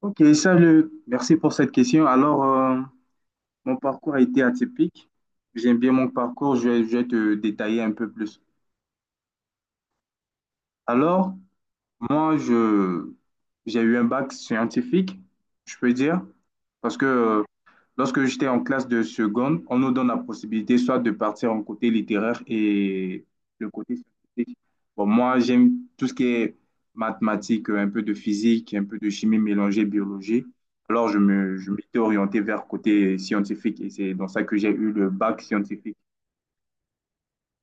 Ok, salut. Merci pour cette question. Alors, mon parcours a été atypique. J'aime bien mon parcours. Je vais te détailler un peu plus. Alors, moi, je, j'ai eu un bac scientifique, je peux dire, parce que lorsque j'étais en classe de seconde, on nous donne la possibilité soit de partir en côté littéraire et le côté scientifique. Bon, moi, j'aime tout ce qui est mathématiques, un peu de physique, un peu de chimie mélangée, biologie. Alors, je m'étais orienté vers côté scientifique et c'est dans ça que j'ai eu le bac scientifique.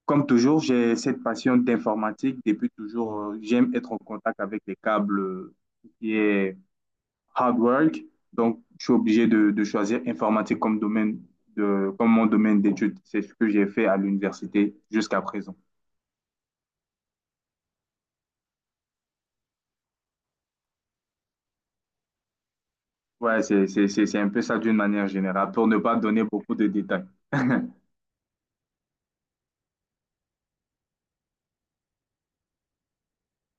Comme toujours, j'ai cette passion d'informatique. Depuis toujours, j'aime être en contact avec les câbles, tout ce qui est hard work. Donc, je suis obligé de choisir informatique comme domaine comme mon domaine d'études. C'est ce que j'ai fait à l'université jusqu'à présent. Ouais, c'est un peu ça d'une manière générale, pour ne pas donner beaucoup de détails.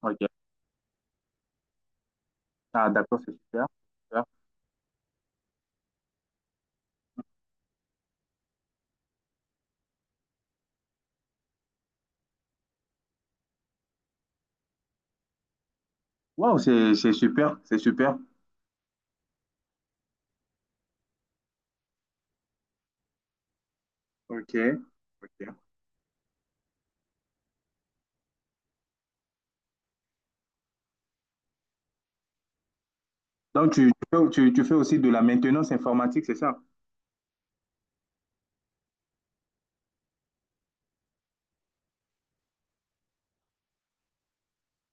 OK. Ah, d'accord, c'est super. Super. Wow, c'est super. OK. OK. Donc, tu fais aussi de la maintenance informatique, c'est ça?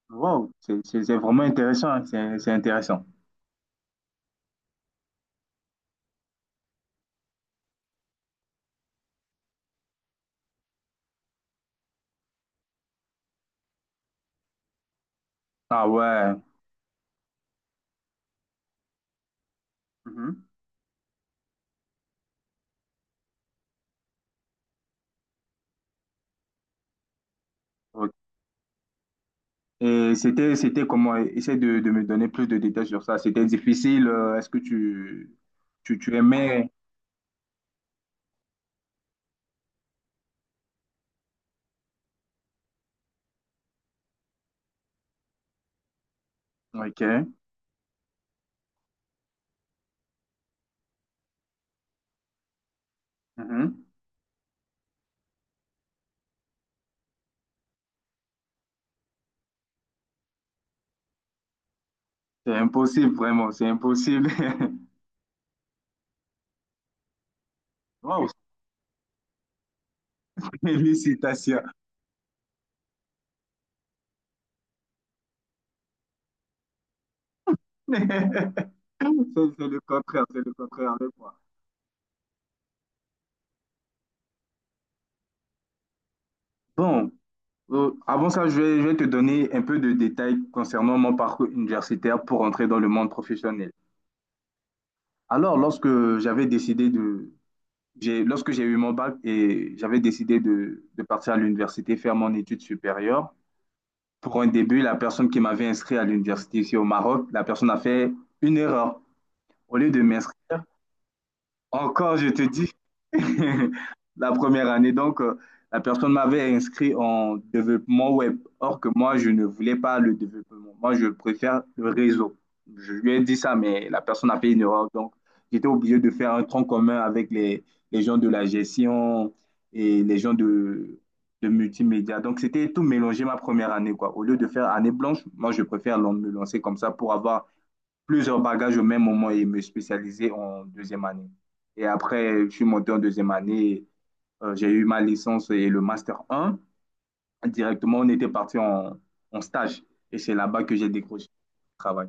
Wow, c'est vraiment intéressant, hein. C'est intéressant. Ah ouais. Mhm. Et c'était comment? Essaie de me donner plus de détails sur ça. C'était difficile. Est-ce que tu aimais? Ok. Mhm. C'est impossible, vraiment. C'est impossible. Wow, félicitations. C'est c'est le contraire, c'est le contraire avec moi. Bon, avant ça, je vais te donner un peu de détails concernant mon parcours universitaire pour entrer dans le monde professionnel. Alors, lorsque j'avais décidé de, lorsque j'ai eu mon bac et j'avais décidé de partir à l'université faire mon étude supérieure, pour un début, la personne qui m'avait inscrit à l'université ici au Maroc, la personne a fait une erreur. Au lieu de m'inscrire, encore, je te dis, la première année, donc, la personne m'avait inscrit en développement web. Or que moi, je ne voulais pas le développement. Moi, je préfère le réseau. Je lui ai dit ça, mais la personne a fait une erreur. Donc, j'étais obligé de faire un tronc commun avec les gens de la gestion et les gens de multimédia. Donc, c'était tout mélangé ma première année, quoi. Au lieu de faire année blanche, moi, je préfère me lancer comme ça pour avoir plusieurs bagages au même moment et me spécialiser en deuxième année. Et après, je suis monté en deuxième année, j'ai eu ma licence et le master un. Directement, on était parti en, en stage et c'est là-bas que j'ai décroché le travail.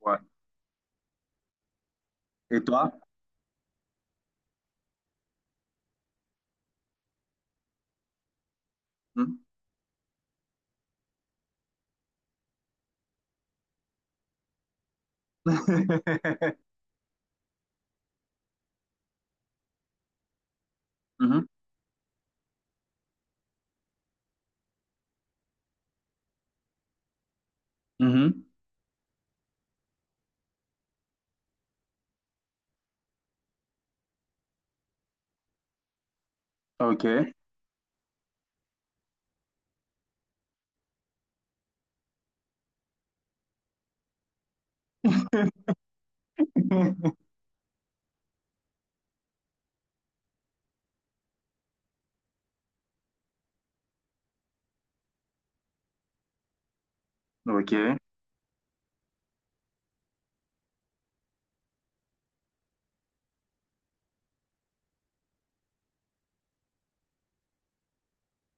Ouais. Et toi? Hmm? Mhm, mhm. OK. OK.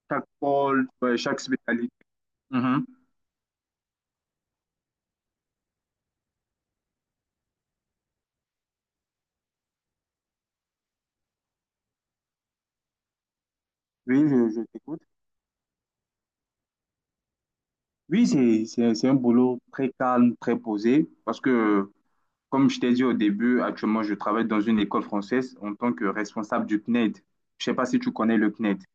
Chaque pôle, ouais, chaque spécialité. Mhm. Oui, je t'écoute. Oui, c'est un boulot très calme, très posé, parce que comme je t'ai dit au début, actuellement, je travaille dans une école française en tant que responsable du CNED. Je ne sais pas si tu connais le CNED.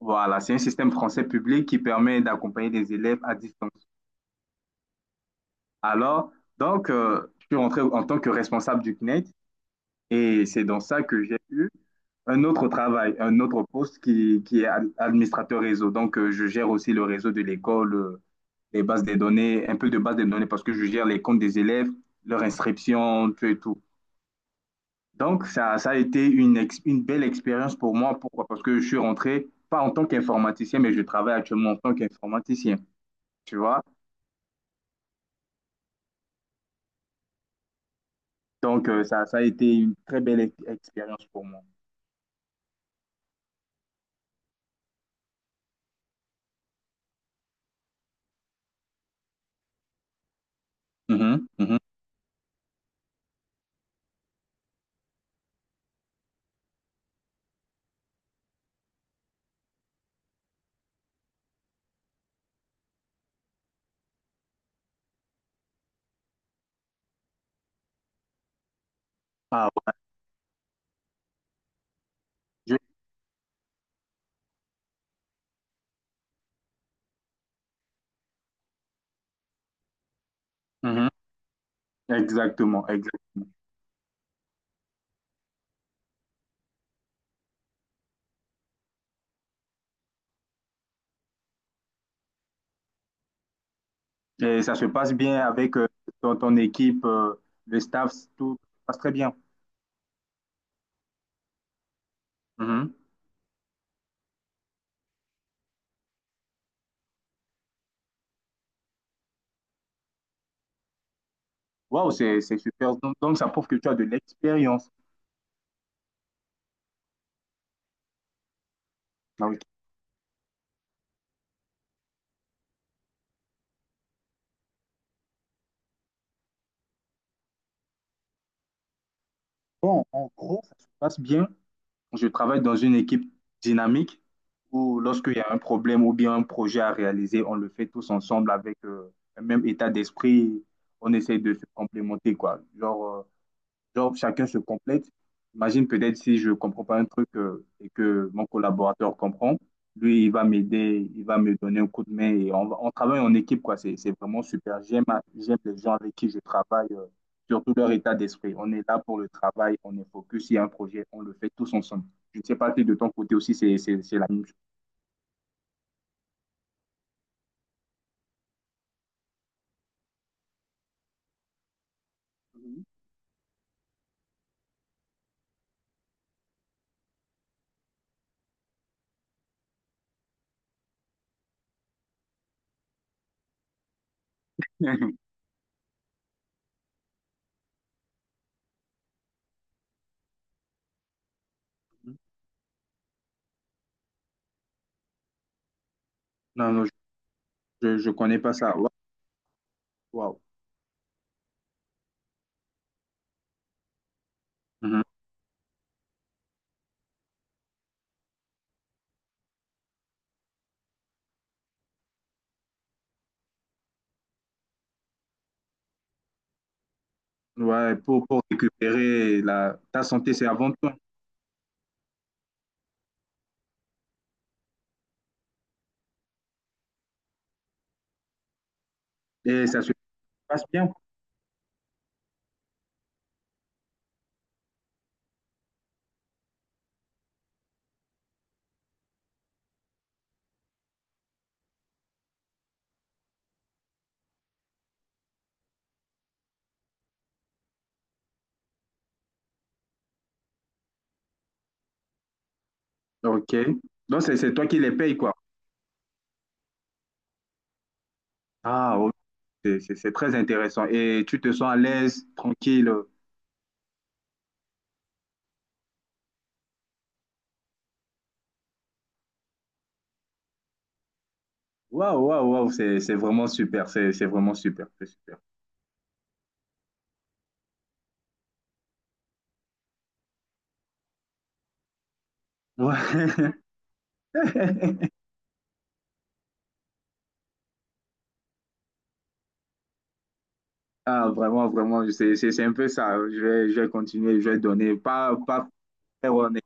Voilà, c'est un système français public qui permet d'accompagner des élèves à distance. Alors, donc, je suis rentré en tant que responsable du CNED et c'est dans ça que j'ai eu un autre travail, un autre poste qui est administrateur réseau. Donc, je gère aussi le réseau de l'école, les bases des données, un peu de base des données parce que je gère les comptes des élèves, leur inscription, tout et tout. Donc, ça a été une belle expérience pour moi. Pourquoi? Parce que je suis rentré, pas en tant qu'informaticien, mais je travaille actuellement en tant qu'informaticien, tu vois? Donc, ça a été une très belle expérience pour moi. Mhm, mhm. Ah, ouais, je- mhm. Exactement, exactement. Et ça se passe bien avec ton équipe, le staff, tout se passe très bien. Mhm. Waouh, c'est super. Donc, ça prouve que tu as de l'expérience. Ah oui. Bon, en gros, ça se passe bien. Je travaille dans une équipe dynamique où lorsqu'il y a un problème ou bien un projet à réaliser, on le fait tous ensemble avec un même état d'esprit. On essaye de se complémenter, quoi. Genre, chacun se complète. Imagine peut-être si je comprends pas un truc et que mon collaborateur comprend, lui, il va m'aider, il va me donner un coup de main et on travaille en équipe, quoi. C'est vraiment super. J'aime les gens avec qui je travaille, surtout leur état d'esprit. On est là pour le travail, on est focus. Il y a un projet, on le fait tous ensemble. Je ne sais pas si de ton côté aussi, c'est la même Mhm. chose. Non, non, je connais pas ça. Waouh, waouh. Mhm. Ouais, pour récupérer ta santé, c'est avant tout. Et ça se passe bien. Ok. Donc, c'est toi qui les payes, quoi. Ah, ok. C'est très intéressant. Et tu te sens à l'aise, tranquille. Waouh, waouh, waouh. C'est vraiment super. C'est vraiment super. C'est super. Ouais. Ah, vraiment, vraiment. C'est un peu ça. Je vais continuer. Je vais donner. Pas faire honnête.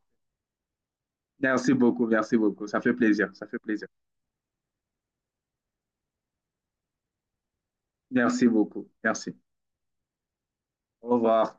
Merci beaucoup. Merci beaucoup. Ça fait plaisir. Ça fait plaisir. Merci beaucoup. Merci. Au revoir.